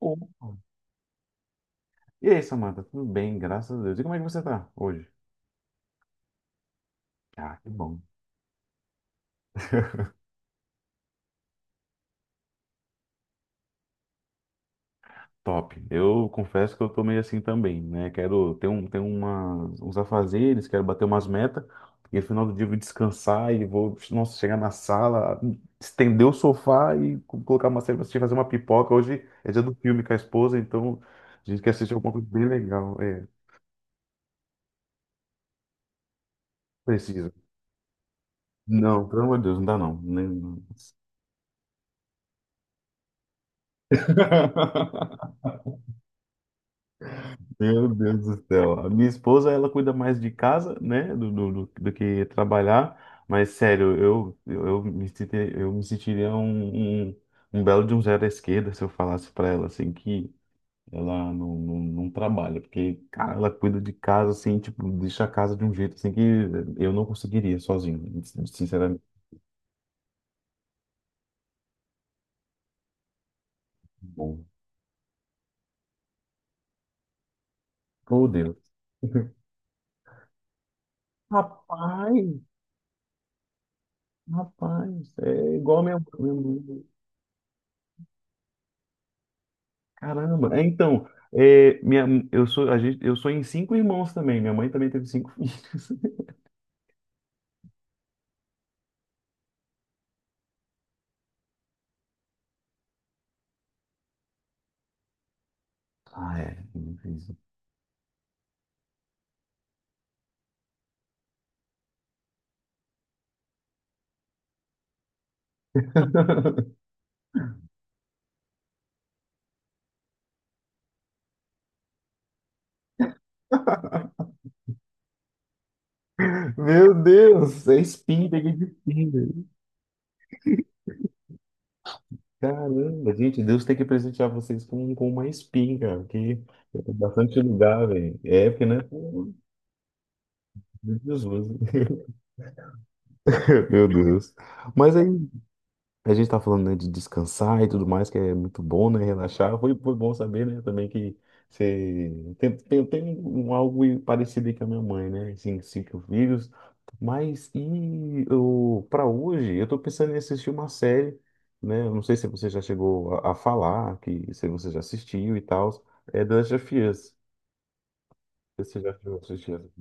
Opa. E aí, Samanta? Tudo bem, graças a Deus. E como é que você tá hoje? Ah, que bom. Top. Eu confesso que eu tô meio assim também, né? Quero ter um, ter umas, uns afazeres, quero bater umas metas, e no final do dia eu vou descansar e vou, nossa, chegar na sala, estender o sofá e colocar uma série pra assistir, fazer uma pipoca. Hoje é dia do filme com a esposa, então a gente quer assistir alguma coisa bem legal. É, precisa. Não, pelo amor de Deus, não dá não. Não. Meu Deus do céu. A minha esposa, ela cuida mais de casa, né, do que trabalhar. Mas, sério, eu me sentiria um belo de um zero à esquerda se eu falasse pra ela, assim, que ela não trabalha. Porque, cara, ela cuida de casa, assim, tipo, deixa a casa de um jeito, assim, que eu não conseguiria sozinho. Sinceramente, bom. Meu Deus. Rapaz, rapaz, é igual a minha mãe. Caramba, é, então, é, minha, eu sou, a gente, eu sou em cinco irmãos também. Minha mãe também teve cinco filhos. Ah, é difícil. Meu Deus, é espinha que de. Caramba, gente, Deus tem que presentear vocês com, uma espinha, cara, que é bastante lugar, velho. É, porque, né? Pô, Jesus. Meu Deus. Mas aí, a gente tá falando, né, de descansar e tudo mais, que é muito bom, né, relaxar. Foi, bom saber, né, também que você. Tem um algo parecido aí com a minha mãe, né, assim, cinco filhos. Mas, e eu, para hoje, eu tô pensando em assistir uma série, né, eu não sei se você já chegou a falar, que se você já assistiu e tal, é The Last of Us. Você já assistiu?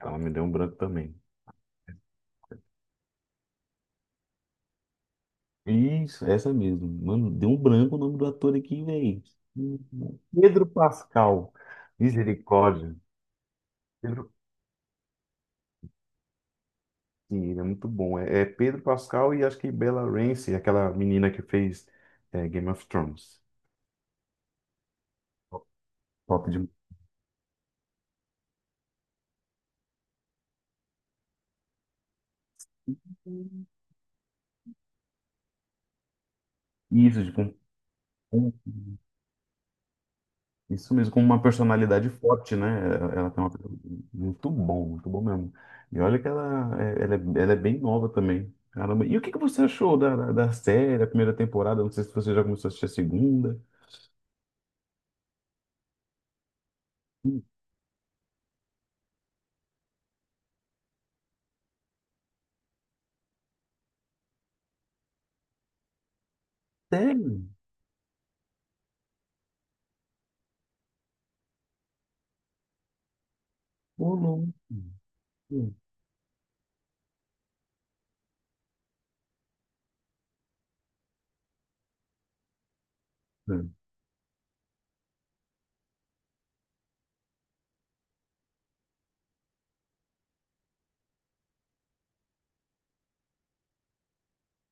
Ela me deu um branco também. Isso, essa mesmo. Mano, deu um branco o nome do ator aqui, velho. Pedro Pascal. Misericórdia. Pedro. Sim, ele é muito bom. É, Pedro Pascal e acho que Bella Ramsey, aquela menina que fez Game of Thrones. Top de. Isso, tipo, um Isso mesmo, com uma personalidade forte, né? Ela tem uma personalidade muito bom mesmo. E olha que ela é bem nova também. Caramba. E o que que você achou da, da, da, série, a primeira temporada? Não sei se você já começou a assistir a segunda. Sério? Ô, louco. Hum,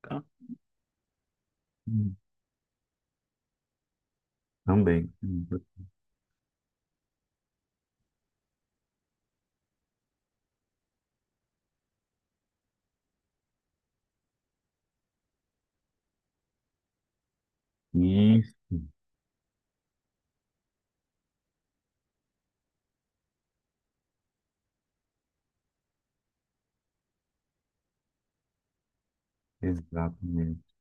tá. Hum, também. Hum. Isso, exatamente.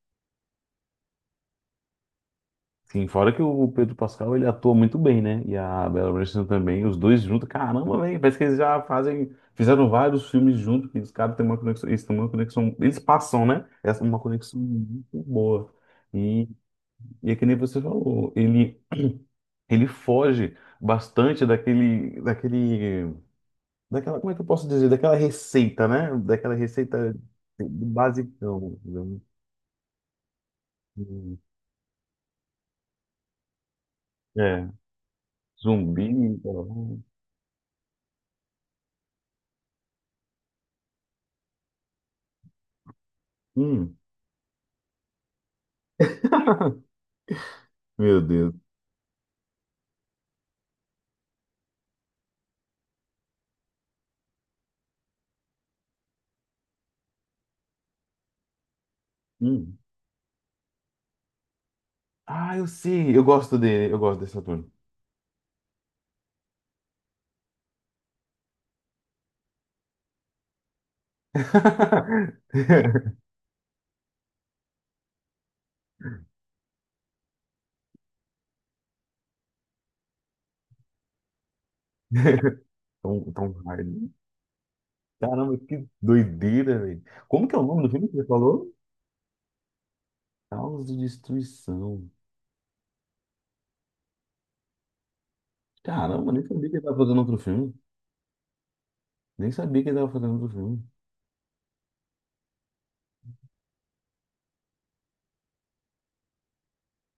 Sim, fora que o Pedro Pascal ele atua muito bem, né? E a Bella Ramsey também, os dois juntos, caramba, velho, parece que eles já fazem, fizeram vários filmes juntos, que os caras têm uma conexão, eles têm uma conexão, eles passam, né? Essa é uma conexão muito boa. E, e, é que nem você falou, ele foge bastante daquela, como é que eu posso dizer? Daquela receita, né? Daquela receita do basicão, né? É, zumbi, então, hum. Meu Deus. Hum. Ah, eu sei, eu gosto dele, eu gosto desse ator. Tom Hardy. Caramba, que doideira, velho. Como que é o nome do filme que você falou? Caos de Destruição. Caramba, nem sabia que ele tava fazendo outro filme. Nem sabia que ele tava fazendo outro filme.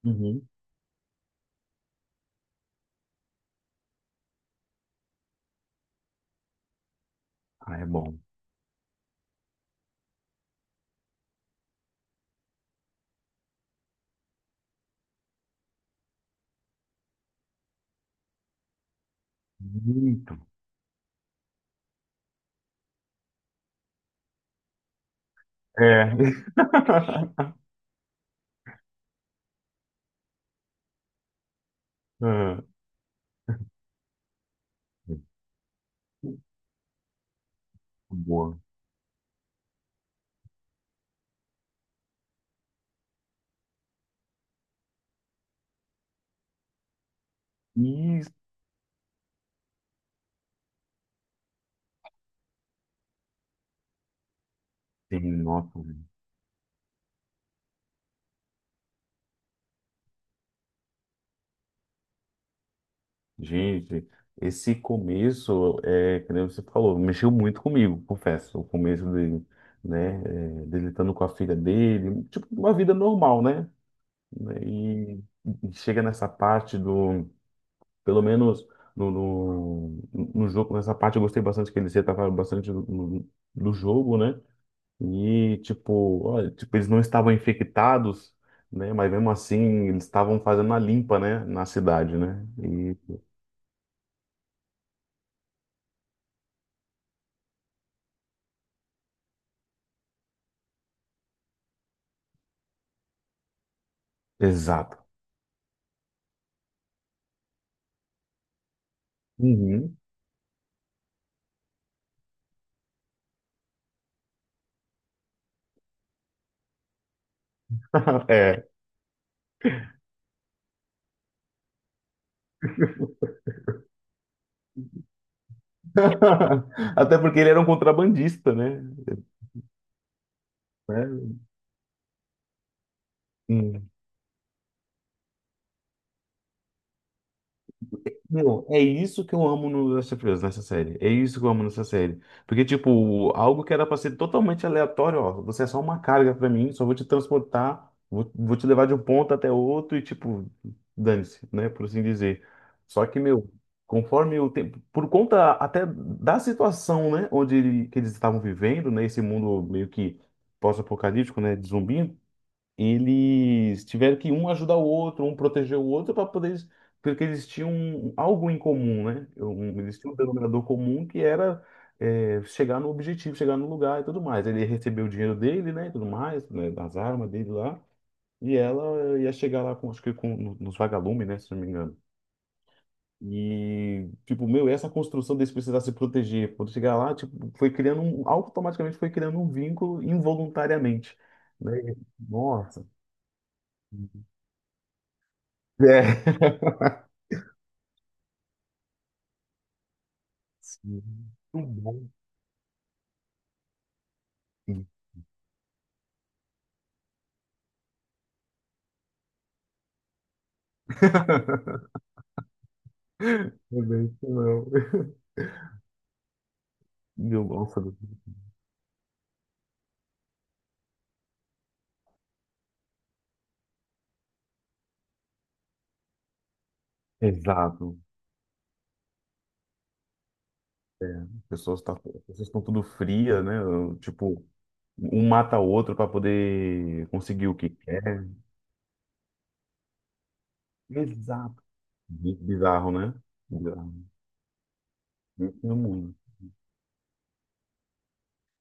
Uhum. Ah, é bom. Muito. É. Ah, boa. Isso, nossa. Gente, esse começo, é, que nem você falou, mexeu muito comigo, confesso. O começo dele, né? É, dele estando com a filha dele, tipo, uma vida normal, né? Né. E, chega nessa parte do, pelo menos no, no, no jogo, nessa parte eu gostei bastante que eles retrataram bastante do jogo, né? E, tipo, olha, tipo, eles não estavam infectados, né? Mas mesmo assim, eles estavam fazendo a limpa, né? Na cidade, né? Exato. Uhum. É. Até porque ele era um contrabandista, né? Né? Hum. Meu, é isso que eu amo no Last of Us, nessa série. É isso que eu amo nessa série. Porque, tipo, algo que era pra ser totalmente aleatório, ó, você é só uma carga pra mim, só vou te transportar, vou te levar de um ponto até outro e, tipo, dane-se, né? Por assim dizer. Só que, meu, conforme o tempo, por conta até da situação, né, onde que eles estavam vivendo, né, esse mundo meio que pós-apocalíptico, né, de zumbi, eles tiveram que um ajudar o outro, um proteger o outro para poder, porque eles tinham algo em comum, né? Eles tinham um denominador comum que era chegar no objetivo, chegar no lugar e tudo mais. Ele recebeu o dinheiro dele, né? E tudo mais, né? Das armas dele lá. E ela ia chegar lá com, acho que com, nos vagalumes, né? Se não me engano. E, tipo, meu, essa construção deles precisar se proteger, quando chegar lá, tipo, automaticamente foi criando um vínculo involuntariamente, né? Nossa. É. Sim. Não bom, sim. Também que não. Meu, nossa, exato. As pessoas estão tudo fria, né? Tipo, um mata o outro para poder conseguir o que quer. Exato. Bizarro, né? Bizarro. Isso no mundo.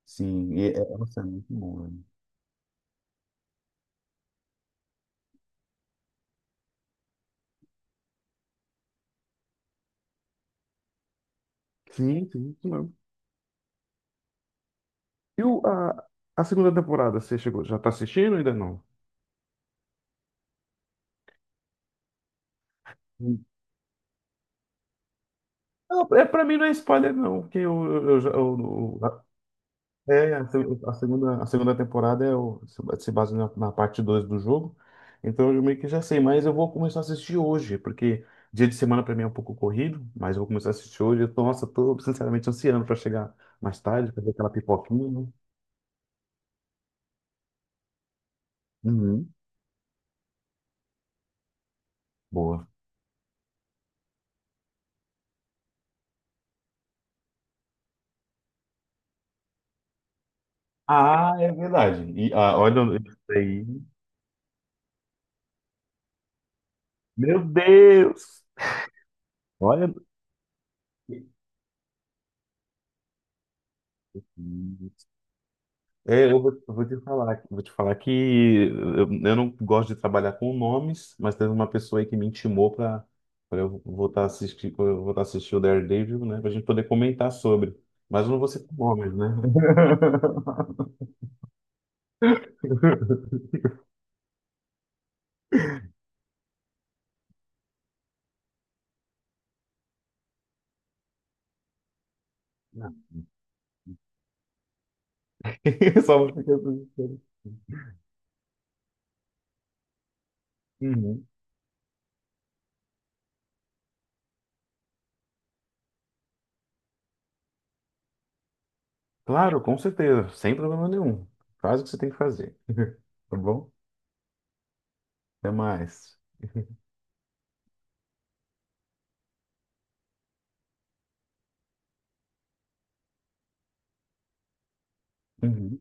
Sim, e nossa, é muito bom, né? Sim, sim, isso mesmo. E a segunda temporada, você chegou? Já tá assistindo ou ainda não? Não, é, pra mim não é spoiler, não, porque eu. É, a, se- A segunda temporada é o, se se baseia na parte 2 do jogo. Então eu meio que já sei, mas eu vou começar a assistir hoje, porque dia de semana pra mim é um pouco corrido, mas eu vou começar a assistir hoje. Nossa, tô sinceramente ansiando pra chegar mais tarde, fazer aquela pipoquinha, né? Uhum, boa. Ah, é verdade. E, olha isso aí. Meu Deus! Olha. É, eu vou te falar que eu não gosto de trabalhar com nomes, mas teve uma pessoa aí que me intimou para eu voltar a assistir, pra eu voltar a assistir o Daredevil, né, para a gente poder comentar sobre. Mas eu não vou citar nomes, né? Não. Só vou ficar assistindo. Uhum. Claro, com certeza, sem problema nenhum. Faz o que você tem que fazer. Tá bom? Até mais. Uhum.